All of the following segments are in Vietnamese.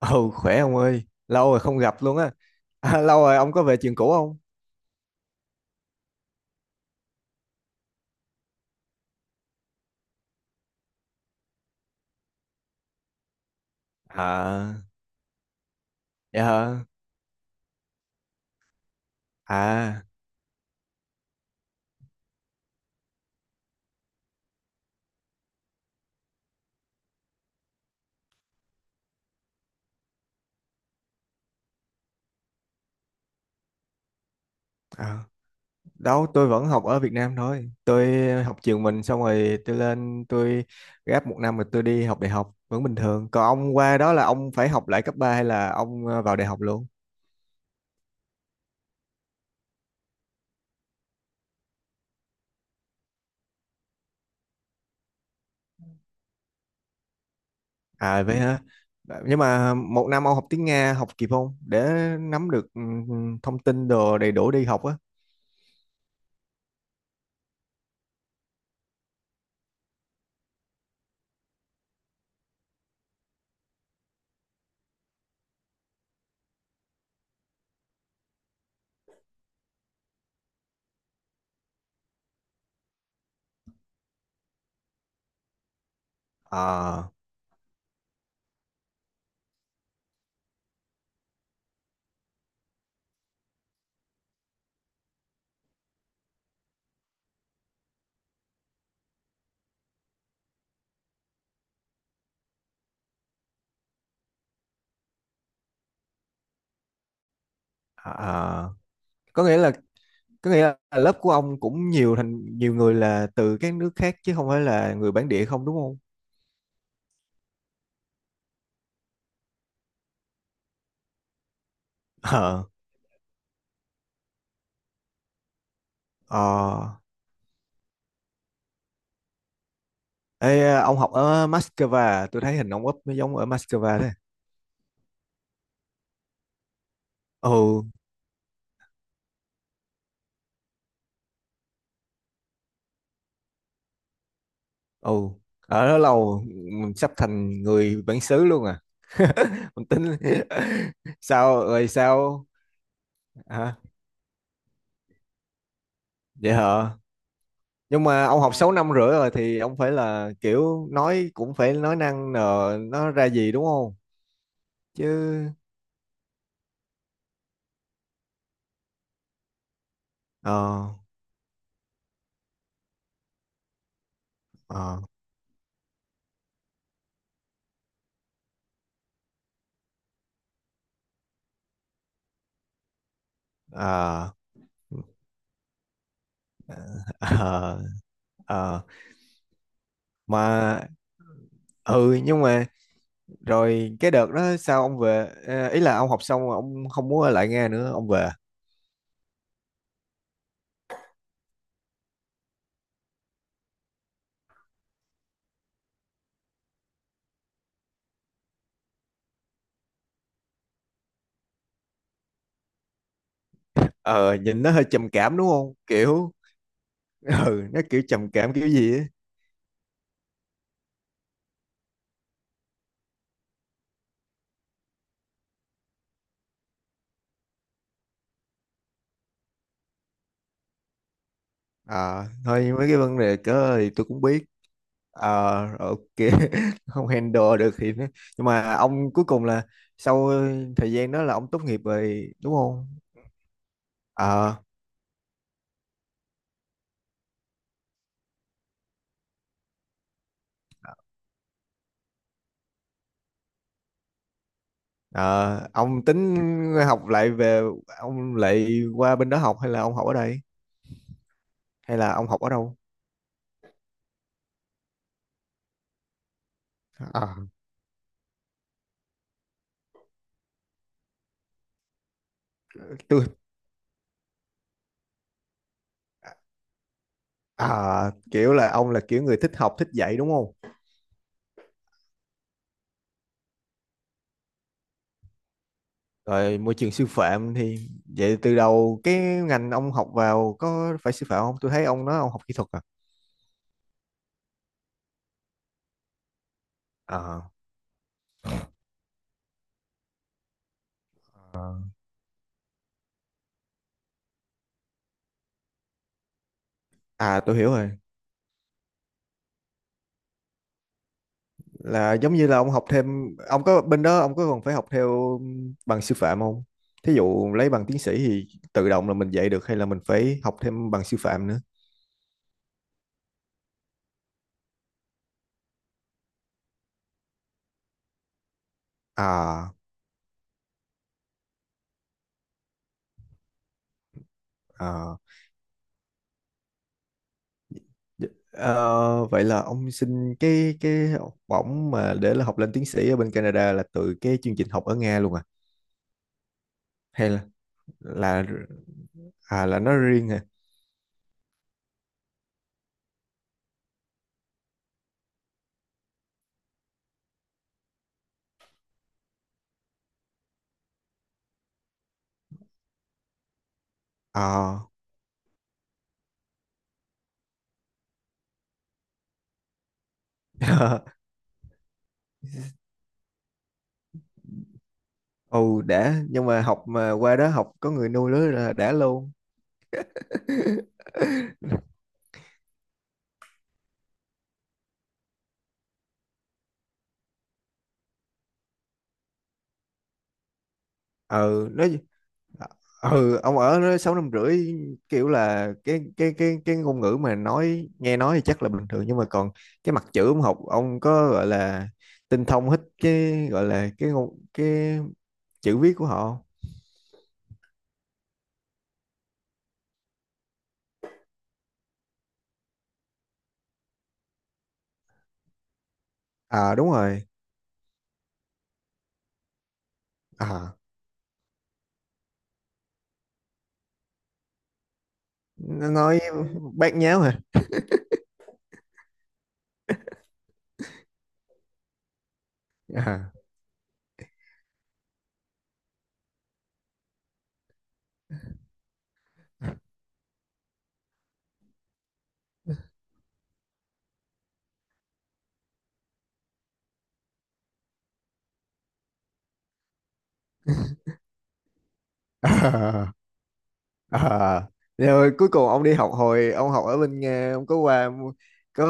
Ừ, khỏe ông ơi. Lâu rồi không gặp luôn á. À, lâu rồi ông có về trường cũ không? À. Dạ hả? À. À. Đâu, tôi vẫn học ở Việt Nam thôi. Tôi học trường mình xong rồi tôi lên. Tôi gap một năm rồi tôi đi học đại học. Vẫn bình thường. Còn ông qua đó là ông phải học lại cấp 3 hay là ông vào đại học luôn? À vậy hả. Nhưng mà một năm ông học tiếng Nga học kịp không? Để nắm được thông tin đồ đầy đủ đi học á? À, à, à. có nghĩa là có nghĩa là lớp của ông cũng nhiều, thành nhiều người là từ các nước khác chứ không phải là người bản địa, không đúng không? Ờ. Ờ. Ê, ông học ở Moscow à? Tôi thấy hình ông úp nó giống ở Moscow đấy. Ừ, ừ. Ở đó lâu mình sắp thành người bản xứ luôn à. Mình tính sao rồi sao? Hả? Vậy hả? Nhưng mà ông học 6 năm rưỡi rồi thì ông phải là kiểu nói cũng phải nói năng nờ nó ra gì đúng không? Chứ ờ ờ ờ ờ ờ. mà ừ nhưng mà rồi cái đợt đó sao ông về? Ờ, ý là ông học xong rồi ông không muốn ở lại Nga nữa ông về? Ờ Nhìn nó hơi trầm cảm đúng không kiểu? Ừ, nó kiểu trầm cảm kiểu gì á. Ờ Thôi mấy cái vấn đề cỡ thì tôi cũng biết. Ok. Không handle được thì nó- Nhưng mà ông cuối cùng là sau thời gian đó là ông tốt nghiệp rồi đúng không? ờ Ờ, ông tính học lại về, ông lại qua bên đó học hay là ông học ở đây hay là ông học ở đâu? Ờ, tôi kiểu là ông là kiểu người thích học thích dạy đúng không? Rồi môi trường sư phạm thì vậy từ đầu cái ngành ông học vào có phải sư phạm không? Tôi thấy ông nói ông học kỹ thuật à? À, à, tôi hiểu rồi. Là giống như là ông học thêm, ông có bên đó ông có còn phải học theo bằng sư phạm không? Thí dụ lấy bằng tiến sĩ thì tự động là mình dạy được hay là mình phải học thêm bằng sư phạm nữa? À. À. Dạ, vậy là ông xin cái học bổng mà để là học lên tiến sĩ ở bên Canada là từ cái chương trình học ở Nga luôn à? Hay là là à, là nó riêng hả? À. Ồ đã. Nhưng mà học mà qua đó học có người nuôi đó là đã luôn. Ừ, nó. Ờ, ừ, ông ở đó 6 năm rưỡi, kiểu là cái ngôn ngữ mà nói nghe nói thì chắc là bình thường nhưng mà còn cái mặt chữ ông học ông có gọi là tinh thông hết cái gọi là cái ngôn, cái chữ viết của họ không? À đúng rồi. À, nó nói bát nháo hả? À. À. À. Rồi cuối cùng ông đi học hồi ông học ở bên Nga ông có qua có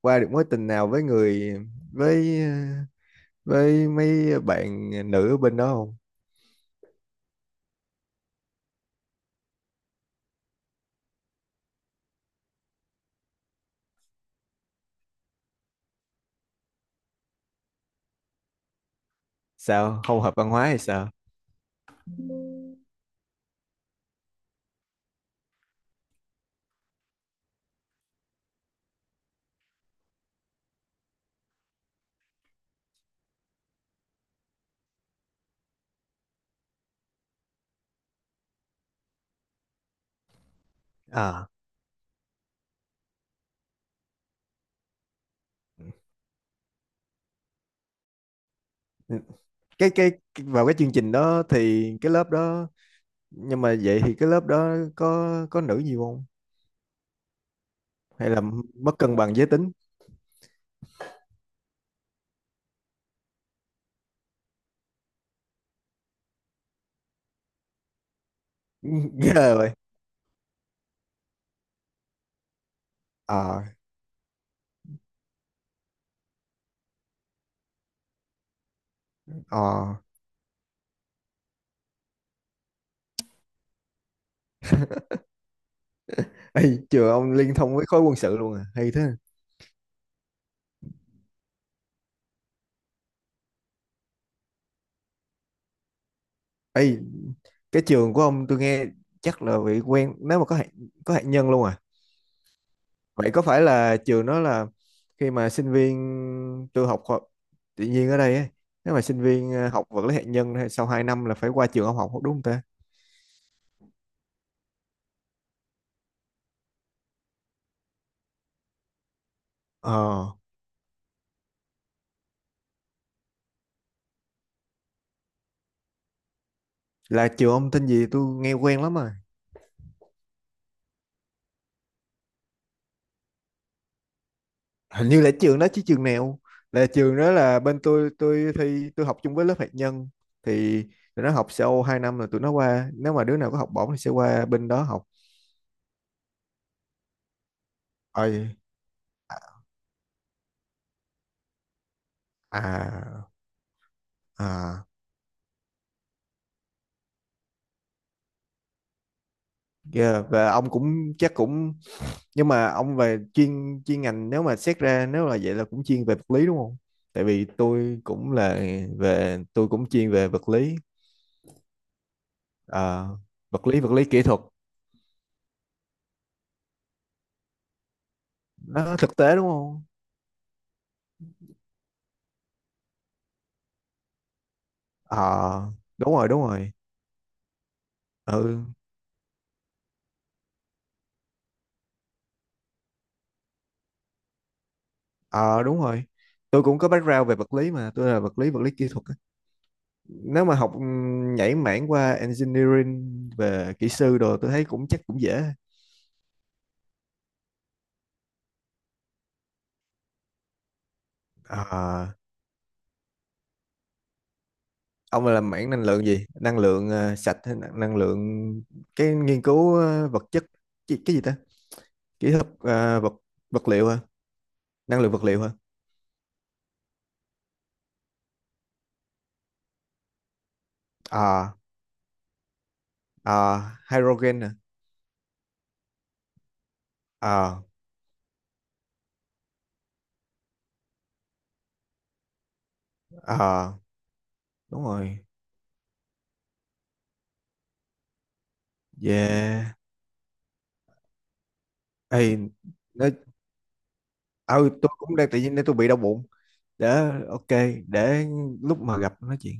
qua được mối tình nào với người, với mấy bạn nữ ở bên đó không? Sao không hợp văn hóa hay sao? À, cái vào cái chương trình đó thì cái lớp đó, nhưng mà vậy thì cái lớp đó có nữ nhiều không? Hay là mất cân bằng giới tính? Ghê rồi. ờ ờ Ê, trường ông liên thông với khối quân sự luôn à hay thế? Ê, cái trường của ông tôi nghe chắc là bị quen, nếu mà có hạt nhân luôn à? Vậy có phải là trường đó là khi mà sinh viên tôi học khoa tự nhiên ở đây ấy, nếu mà sinh viên học vật lý hạt nhân thì sau 2 năm là phải qua trường ông học đúng không ta? Ờ, là trường ông tên gì tôi nghe quen lắm mà. Hình như là trường đó chứ trường nào. Là trường đó là, bên tôi thi tôi học chung với lớp hạt nhân thì tụi nó học sau 2 năm là tụi nó qua, nếu mà đứa nào có học bổng thì sẽ qua bên đó học. Ờ, à, à, yeah. Và ông cũng chắc cũng nhưng mà ông về chuyên chuyên ngành nếu mà xét ra nếu là vậy là cũng chuyên về vật lý đúng không, tại vì tôi cũng là về tôi cũng chuyên về vật lý. Ờ, vật lý, vật lý kỹ thuật. Nó thực tế đúng không? Ờ đúng rồi đúng rồi. Ừ. Ờ đúng rồi, tôi cũng có background về vật lý mà tôi là vật lý, vật lý kỹ thuật á. Nếu mà học nhảy mảng qua engineering về kỹ sư đồ tôi thấy cũng chắc cũng dễ. Ờ ông là làm mảng năng lượng gì, năng lượng sạch hay năng năng lượng cái nghiên cứu vật chất? Cái gì ta? Kỹ thuật vật vật liệu hả? Năng lượng vật liệu hả? À. À, hydrogen hả? À. À đúng rồi. Yeah. Ê, nói, ờ, tôi cũng đang tự nhiên để tôi bị đau bụng. Để ok. Để lúc mà gặp nói chuyện.